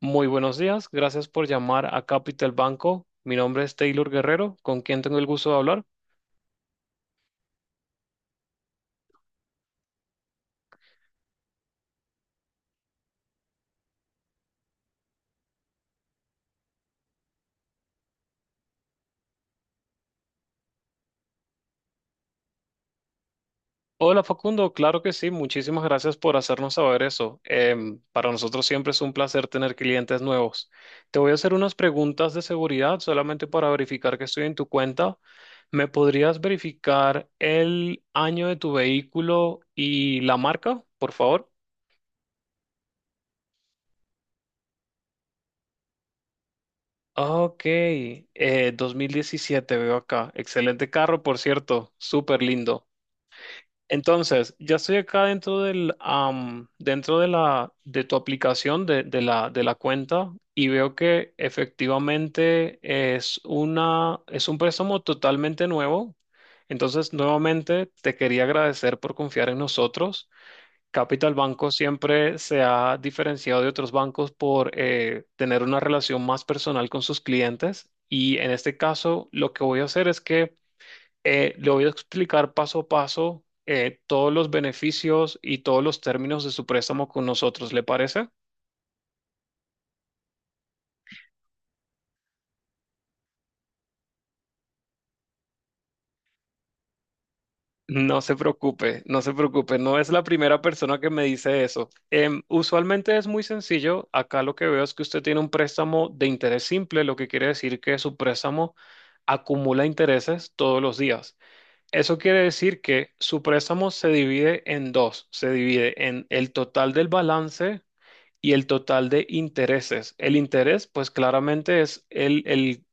Muy buenos días, gracias por llamar a Capital Banco. Mi nombre es Taylor Guerrero, con quien tengo el gusto de hablar. Hola Facundo, claro que sí, muchísimas gracias por hacernos saber eso. Para nosotros siempre es un placer tener clientes nuevos. Te voy a hacer unas preguntas de seguridad solamente para verificar que estoy en tu cuenta. ¿Me podrías verificar el año de tu vehículo y la marca, por favor? Ok, 2017 veo acá. Excelente carro, por cierto, súper lindo. Entonces, ya estoy acá dentro del, am, dentro de la, de tu aplicación de la cuenta y veo que efectivamente es un préstamo totalmente nuevo. Entonces, nuevamente te quería agradecer por confiar en nosotros. Capital Banco siempre se ha diferenciado de otros bancos por tener una relación más personal con sus clientes, y en este caso lo que voy a hacer es que le voy a explicar paso a paso todos los beneficios y todos los términos de su préstamo con nosotros, ¿le parece? No se preocupe, no se preocupe, no es la primera persona que me dice eso. Usualmente es muy sencillo, acá lo que veo es que usted tiene un préstamo de interés simple, lo que quiere decir que su préstamo acumula intereses todos los días. Eso quiere decir que su préstamo se divide en dos, se divide en el total del balance y el total de intereses. El interés, pues claramente es el, el,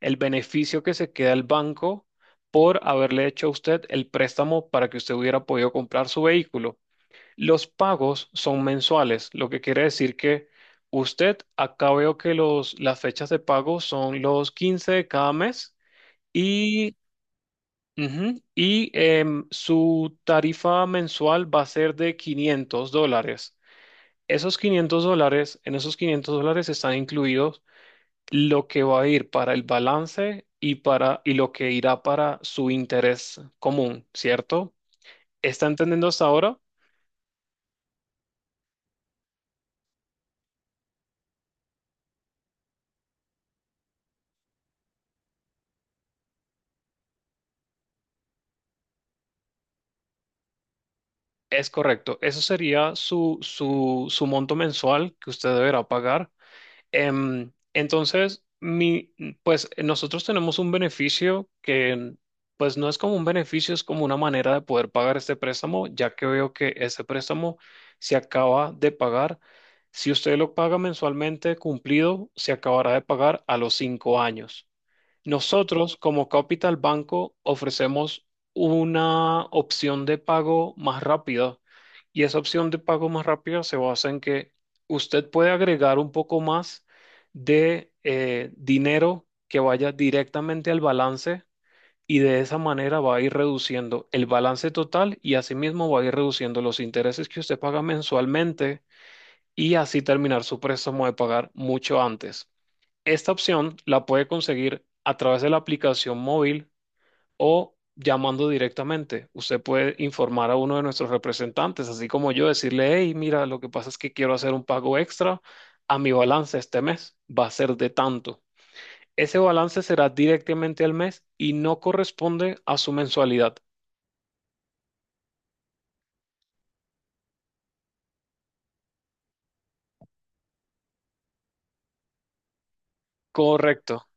el beneficio que se queda el banco por haberle hecho a usted el préstamo para que usted hubiera podido comprar su vehículo. Los pagos son mensuales, lo que quiere decir que usted, acá veo que las fechas de pago son los 15 de cada mes y, ujú, y su tarifa mensual va a ser de $500. Esos $500, en esos $500 están incluidos lo que va a ir para el balance y, para, y lo que irá para su interés común, ¿cierto? ¿Está entendiendo hasta ahora? Es correcto. Eso sería su, su, su monto mensual que usted deberá pagar. Entonces, pues nosotros tenemos un beneficio que, pues no es como un beneficio, es como una manera de poder pagar este préstamo, ya que veo que ese préstamo se acaba de pagar. Si usted lo paga mensualmente cumplido, se acabará de pagar a los 5 años. Nosotros, como Capital Banco, ofrecemos una opción de pago más rápida, y esa opción de pago más rápida se basa en que usted puede agregar un poco más de dinero que vaya directamente al balance, y de esa manera va a ir reduciendo el balance total y asimismo va a ir reduciendo los intereses que usted paga mensualmente, y así terminar su préstamo de pagar mucho antes. Esta opción la puede conseguir a través de la aplicación móvil o llamando directamente. Usted puede informar a uno de nuestros representantes, así como yo, decirle, hey, mira, lo que pasa es que quiero hacer un pago extra a mi balance este mes. Va a ser de tanto. Ese balance será directamente al mes y no corresponde a su mensualidad. Correcto.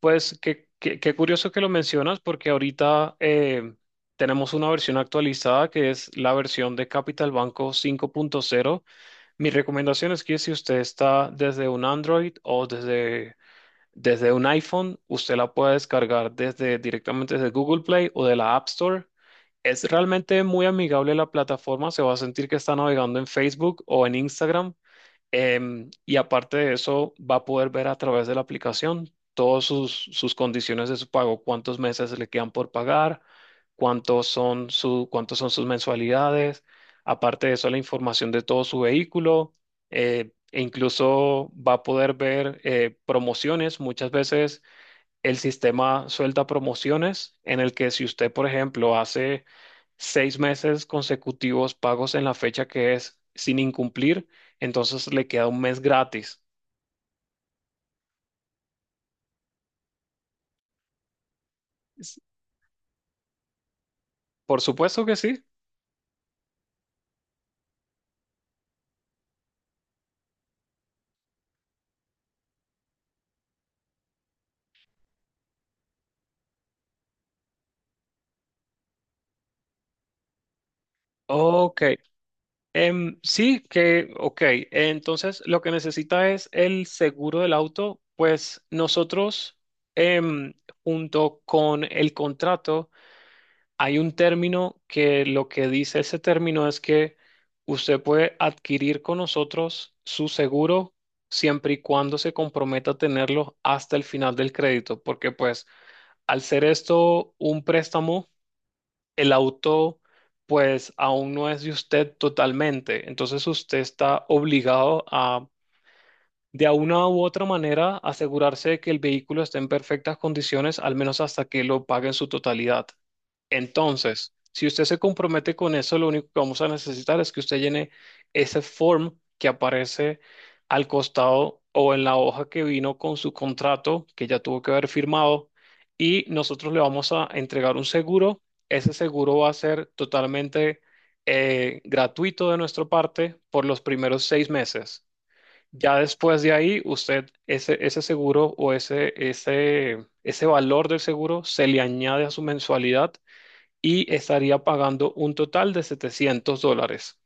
Pues qué curioso que lo mencionas, porque ahorita tenemos una versión actualizada que es la versión de Capital Banco 5.0. Mi recomendación es que si usted está desde un Android o desde un iPhone, usted la puede descargar directamente desde Google Play o de la App Store. Es realmente muy amigable la plataforma, se va a sentir que está navegando en Facebook o en Instagram. Y aparte de eso, va a poder ver a través de la aplicación todas sus condiciones de su pago, cuántos meses le quedan por pagar, cuántos son sus mensualidades. Aparte de eso, la información de todo su vehículo, e incluso va a poder ver promociones. Muchas veces el sistema suelta promociones en el que si usted, por ejemplo, hace 6 meses consecutivos pagos en la fecha que es sin incumplir, entonces le queda un mes gratis. S- Por supuesto que sí. Ok. Sí, ok. Entonces, lo que necesita es el seguro del auto. Pues nosotros, em, junto con el contrato, hay un término que lo que dice ese término es que usted puede adquirir con nosotros su seguro siempre y cuando se comprometa a tenerlo hasta el final del crédito, porque pues al ser esto un préstamo, el auto pues aún no es de usted totalmente, entonces usted está obligado a de una u otra manera asegurarse de que el vehículo esté en perfectas condiciones, al menos hasta que lo pague en su totalidad. Entonces, si usted se compromete con eso, lo único que vamos a necesitar es que usted llene ese form que aparece al costado o en la hoja que vino con su contrato, que ya tuvo que haber firmado, y nosotros le vamos a entregar un seguro. Ese seguro va a ser totalmente gratuito de nuestra parte por los primeros 6 meses. Ya después de ahí, usted ese, ese seguro o ese valor del seguro se le añade a su mensualidad y estaría pagando un total de $700.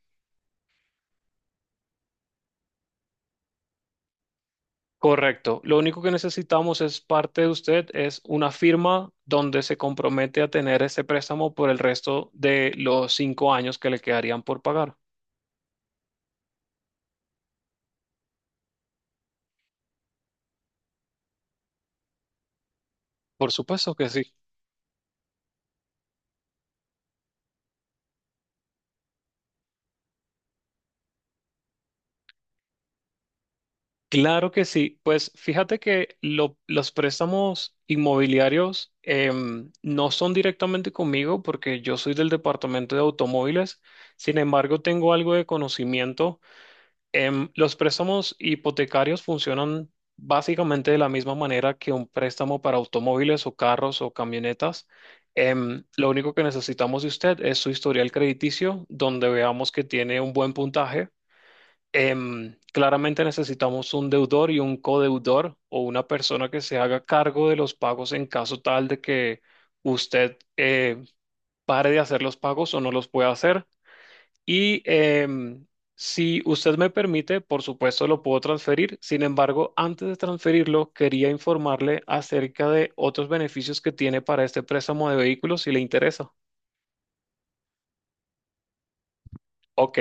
Correcto. Lo único que necesitamos es parte de usted, es una firma donde se compromete a tener ese préstamo por el resto de los 5 años que le quedarían por pagar. Por supuesto que sí. Claro que sí. Pues fíjate que los préstamos inmobiliarios no son directamente conmigo porque yo soy del departamento de automóviles. Sin embargo, tengo algo de conocimiento. Los préstamos hipotecarios funcionan básicamente de la misma manera que un préstamo para automóviles o carros o camionetas. Lo único que necesitamos de usted es su historial crediticio, donde veamos que tiene un buen puntaje. Claramente necesitamos un deudor y un codeudor o una persona que se haga cargo de los pagos en caso tal de que usted pare de hacer los pagos o no los pueda hacer. Y si usted me permite, por supuesto lo puedo transferir. Sin embargo, antes de transferirlo, quería informarle acerca de otros beneficios que tiene para este préstamo de vehículos, si le interesa. Ok,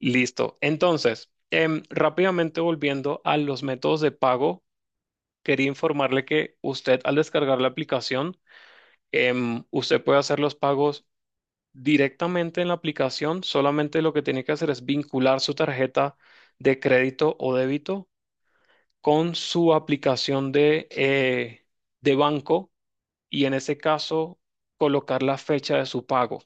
listo. Entonces, rápidamente volviendo a los métodos de pago, quería informarle que usted, al descargar la aplicación, usted puede hacer los pagos directamente en la aplicación. Solamente lo que tiene que hacer es vincular su tarjeta de crédito o débito con su aplicación de banco y en ese caso colocar la fecha de su pago.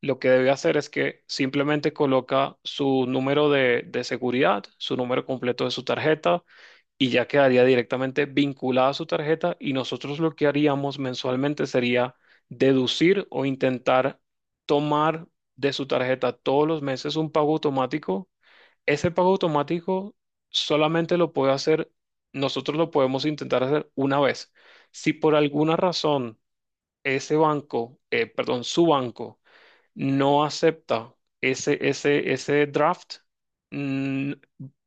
Lo que debe hacer es que simplemente coloca su número de seguridad, su número completo de su tarjeta, y ya quedaría directamente vinculada a su tarjeta, y nosotros lo que haríamos mensualmente sería deducir o intentar tomar de su tarjeta todos los meses un pago automático. Ese pago automático solamente lo puede hacer, nosotros lo podemos intentar hacer una vez. Si por alguna razón ese banco, perdón, su banco, no acepta ese draft, mm,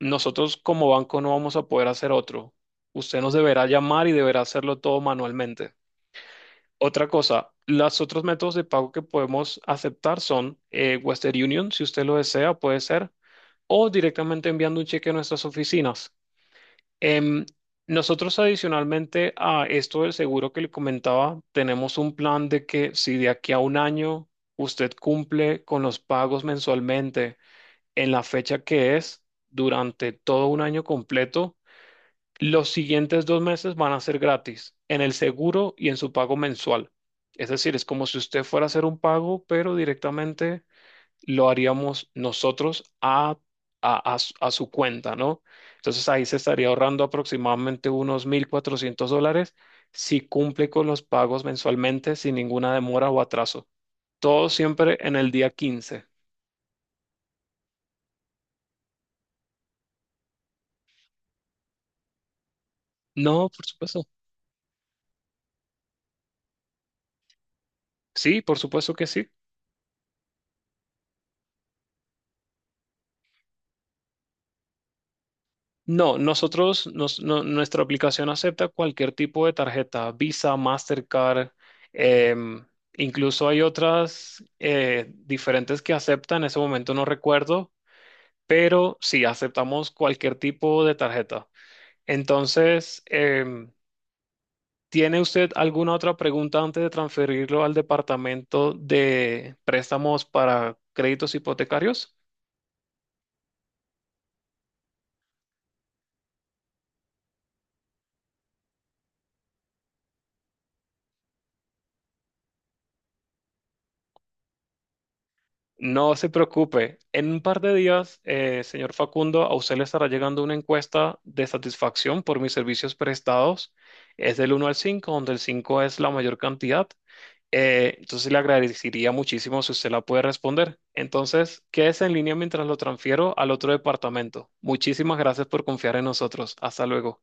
nosotros como banco no vamos a poder hacer otro. Usted nos deberá llamar y deberá hacerlo todo manualmente. Otra cosa, los otros métodos de pago que podemos aceptar son Western Union, si usted lo desea, puede ser, o directamente enviando un cheque a nuestras oficinas. Em, nosotros, adicionalmente a esto del seguro que le comentaba, tenemos un plan de que si de aquí a un año usted cumple con los pagos mensualmente en la fecha que es, durante todo un año completo, los siguientes 2 meses van a ser gratis en el seguro y en su pago mensual. Es decir, es como si usted fuera a hacer un pago, pero directamente lo haríamos nosotros a su cuenta, ¿no? Entonces ahí se estaría ahorrando aproximadamente unos $1,400 si cumple con los pagos mensualmente sin ninguna demora o atraso. Todo siempre en el día 15. No, por supuesto. Sí, por supuesto que sí. No, nosotros, nuestra aplicación acepta cualquier tipo de tarjeta, Visa, Mastercard, em, incluso hay otras diferentes que aceptan, en ese momento no recuerdo, pero sí aceptamos cualquier tipo de tarjeta. Entonces, ¿tiene usted alguna otra pregunta antes de transferirlo al departamento de préstamos para créditos hipotecarios? No se preocupe. En un par de días, señor Facundo, a usted le estará llegando una encuesta de satisfacción por mis servicios prestados. Es del 1 al 5, donde el 5 es la mayor cantidad. Entonces le agradecería muchísimo si usted la puede responder. Entonces, quédese en línea mientras lo transfiero al otro departamento. Muchísimas gracias por confiar en nosotros. Hasta luego.